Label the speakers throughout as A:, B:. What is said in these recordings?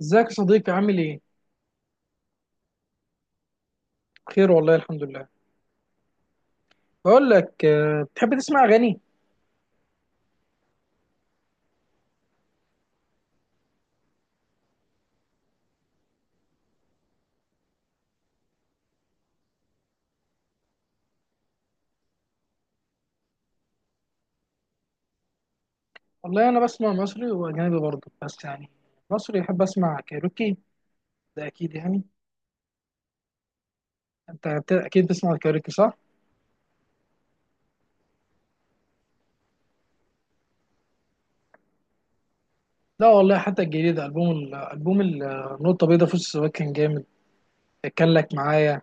A: ازيك يا صديقي، عامل ايه؟ بخير والله الحمد لله. بقول لك بتحب تسمع اغاني؟ والله انا بسمع مصري واجنبي برضه، بس يعني مصري احب اسمع كايروكي، ده اكيد يعني. انت اكيد بتسمع الكايروكي صح؟ لا والله، حتى الجديد البوم النقطة البيضاء في السواق كان جامد، كان لك معايا.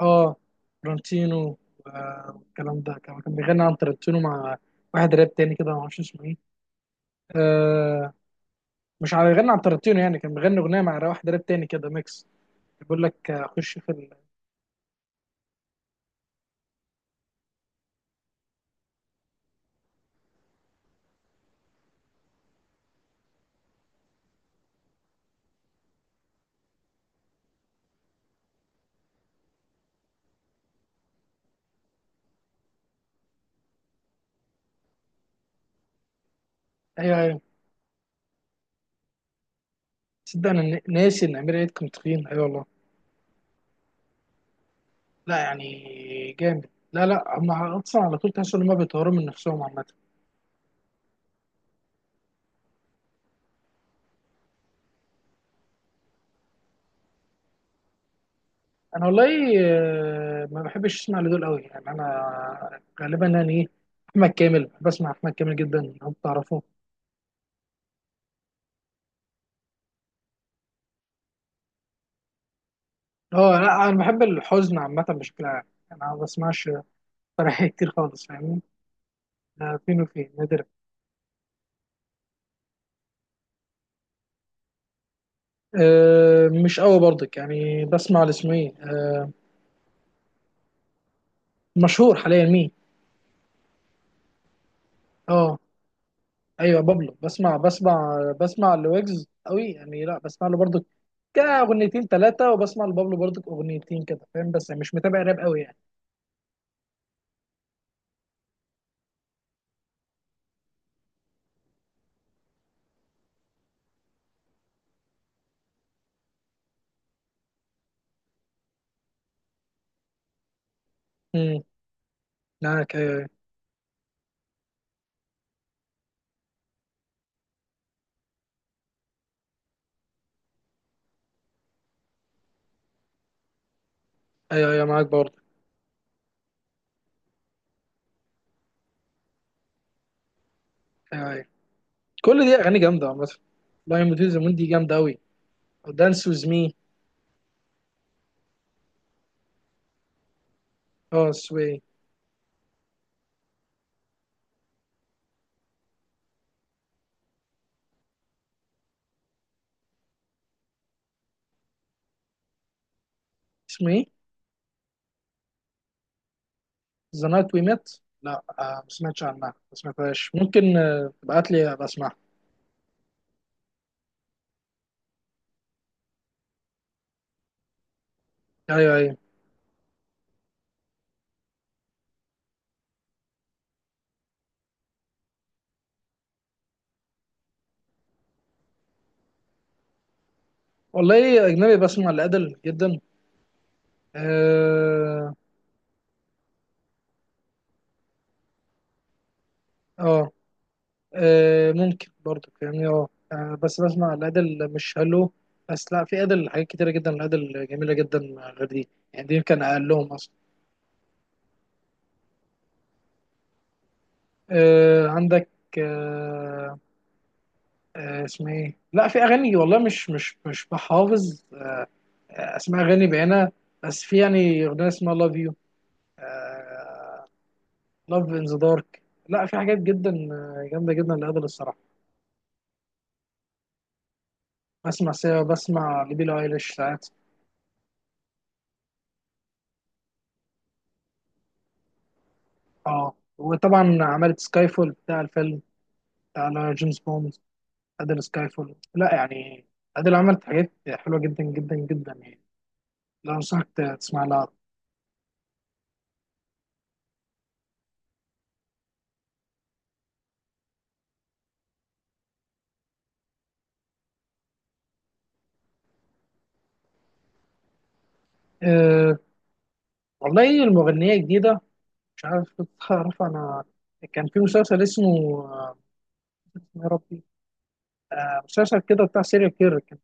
A: اه، ترنتينو. والكلام ده كان بيغني عن ترنتينو مع واحد راب تاني كده، ما اعرفش اسمه ايه. آه، مش عارف يغني عن ترنتينو، يعني كان بيغني اغنية مع واحد راب تاني كده ميكس. بيقول لك اخش في ايوه ايوه. تصدق انا ناسي ان امير عيد كان تخين؟ ايوه والله. لا يعني، جامد. لا لا، هم اصلا على طول تحس ان هم بيطوروا من نفسهم عامه. انا والله ما بحبش اسمع لدول قوي، يعني انا غالبا يعني ايه، احمد كامل. بسمع احمد كامل جدا، لو بتعرفه. اه لا، انا بحب الحزن عامه بشكل عام، يعني انا ما بسمعش فرح كتير خالص، فاهمني؟ ده فين وفين، نادر. أه مش قوي برضك، يعني بسمع لاسمه ايه مشهور حاليا، مين؟ اه، ايوه بابلو، بسمع. بسمع لويجز قوي يعني، لا بسمع له برضك كاغنيتين ثلاثه، وبسمع لبابلو برضك اغنيتين كده فاهم، بس يعني مش متابع راب قوي يعني. امم معاك، ايوه ايوه. ايوه أيوة، معاك برضك. ايوه ايوه، كل دي اغاني جامده عامه. لاين بتويز مون دي جامده قوي. دانس ويز مي. اه، سوي. اسمه ايه؟ ذا نايت وي ميت. لا ما سمعتش عنها، ما سمعتهاش. ممكن تبعت لي أبقى اسمعها. ايوه ايوه. والله اجنبي بسمع لادل جدا. اه آه، ممكن برضه فاهمني. بس بسمع الادل مش هلو. بس لا، في ادل حاجات كتيره جدا، الادل جميله جدا غير دي، يعني دي كان اقلهم اصلا. عندك آه اسمها ايه؟ لا، في اغاني والله مش بحافظ اسماء اغاني بعينها. بس في يعني اغنيه اسمها لاف يو، لاف ان ذا دارك. لا، في حاجات جدا جامده جدا لادل الصراحه. بسمع سيا، بسمع لبيلي ايليش ساعات. اه، وطبعا عملت سكاي فول بتاع الفيلم على جيمس بوند. ادل سكاي فول، لا يعني، ادل عملت حاجات حلوه جدا جدا جدا يعني. لا انصحك تسمع لها. أه والله المغنيه جديده، مش عارف. تعرف انا كان في مسلسل اسمه، آه، اسمه يا ربي. مسلسل كده بتاع سيريال كيلر كان،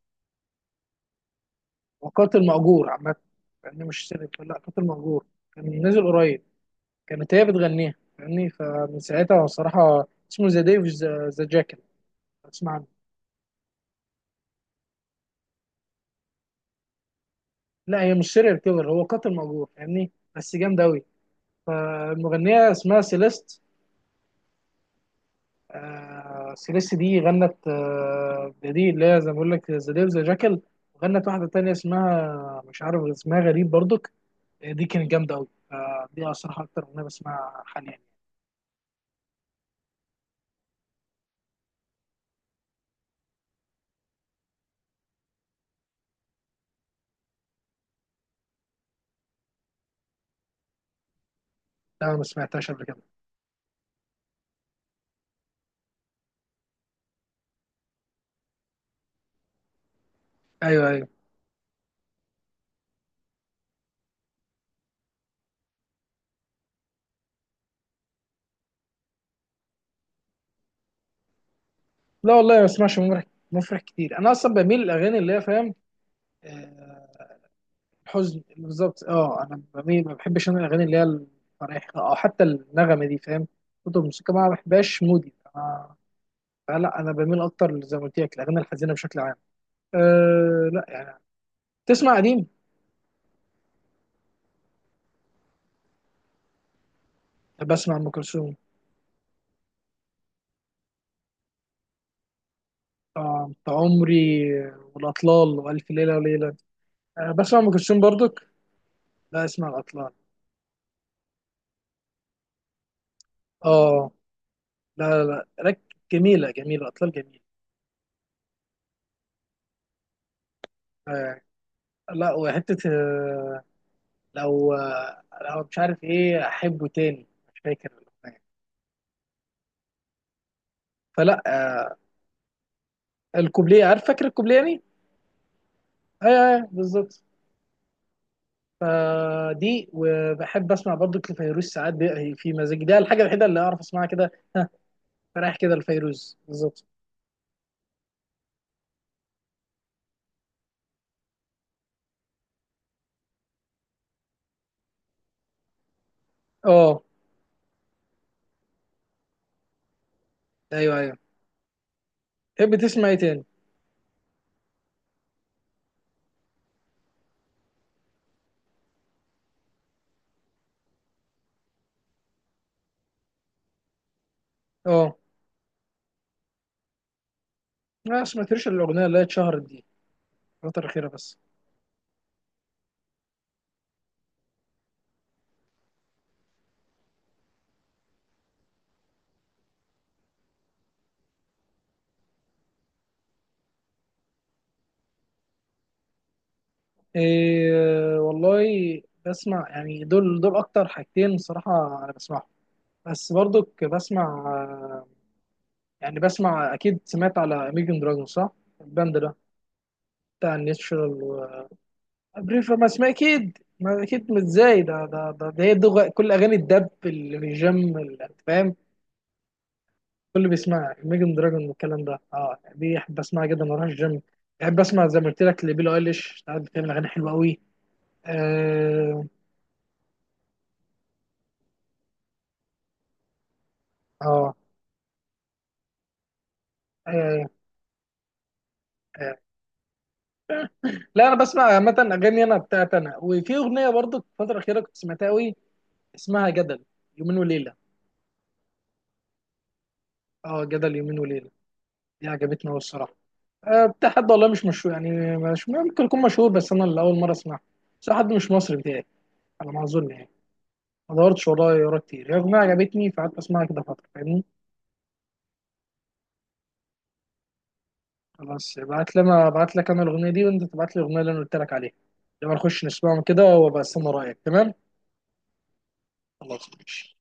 A: هو قاتل مأجور عامة، يعني مش سيريال كيلر، لا قاتل مأجور. كان نازل قريب، كانت هي بتغنيها فاهمني، فمن ساعتها الصراحة، اسمه ذا ديف ذا جاكل. اسمع. لا هي مش سيريال كيلر، هو قاتل مأجور فاهمني، بس جامد أوي. فالمغنية اسمها سيليست. سيليست دي غنت، دي اللي هي زي ما بقول لك ذا ديف ذا جاكل. وغنت واحدة تانية اسمها مش عارف، اسمها غريب برضك. دي كانت جامدة أوي، فدي الصراحة أكتر أغنية بسمعها حاليا. لا ما سمعتهاش قبل كده. أيوه أيوه. لا والله ما بسمعش مفرح. مفرح كتير، أنا أصلا بميل للأغاني اللي هي فاهم، آه، حزن بالظبط. اه انا بميل، ما بحبش انا الاغاني اللي هي الفرايح، او حتى النغمه دي فاهم، صوت الموسيقى ما بحبهاش مودي. انا لا، انا بميل اكتر زي ما قلت لك الاغاني الحزينه بشكل عام، أه لا يعني. تسمع قديم؟ بسمع ام كلثوم، انت عمري والاطلال والف ليله وليله. أه بسمع ام كلثوم برضك. لا اسمع الاطلال، اه، لا لا لا لك، جميله جميله، اطلال جميله. أه لا، وحته لو لو مش عارف ايه احبه تاني، مش فاكر الاغنيه. فلا الكوبليه عارف، فاكر الكوبليه يعني. ايوه ايوه بالظبط. فدي. وبحب اسمع برضو لفيروز ساعات في مزاج ده، الحاجه الوحيده اللي اعرف اسمعها كده ها، رايح كده لفيروز بالظبط. اه ايوه ايوه. تحب تسمع ايه تاني؟ اه، ما سمعتش الاغنيه اللي هي اتشهرت دي الفتره الاخيره بس. إيه والله، بسمع يعني دول دول اكتر حاجتين صراحه انا بسمعهم، بس برضو بسمع يعني بسمع. اكيد سمعت على اميجن دراجون صح؟ الباند ده بتاع الناتشورال وابريفا، ما اسمها اكيد، ما اكيد، مش ازاي ده ده هي كل اغاني الدب اللي في الجيم انت فاهم، كل بيسمعها اميجن دراجون والكلام ده. اه، دي احب اسمعها جدا واروح الجيم. بحب اسمع زي ما قلت لك لبيلي ايليش ساعات، بتعمل اغاني حلوه قوي. اه اه، أيوة، أيوة، أيوة. لا انا بسمع عامه اغاني انا بتاعت انا، وفي اغنيه برضو في الفتره الاخيره كنت سمعتها قوي، اسمها جدل، يومين وليله. اه جدل يومين وليله، دي عجبتني أوي الصراحة. بتاع حد والله مش مشهور، يعني مش ممكن يكون مشهور، بس أنا اللي أول مرة أسمعه. بس هو حد مش مصري بتاعي، على ما أظن يعني، ما دورتش ورايا ورا كتير، هي أغنية عجبتني فقعدت أسمعها كده فترة فاهمني. خلاص، ابعت لي أنا، ابعت لك أنا الأغنية دي وأنت تبعت لي الأغنية اللي أنا قلت لك عليها، لما نخش نسمعهم كده وأبقى أستنى رأيك. تمام. خلاص ماشي.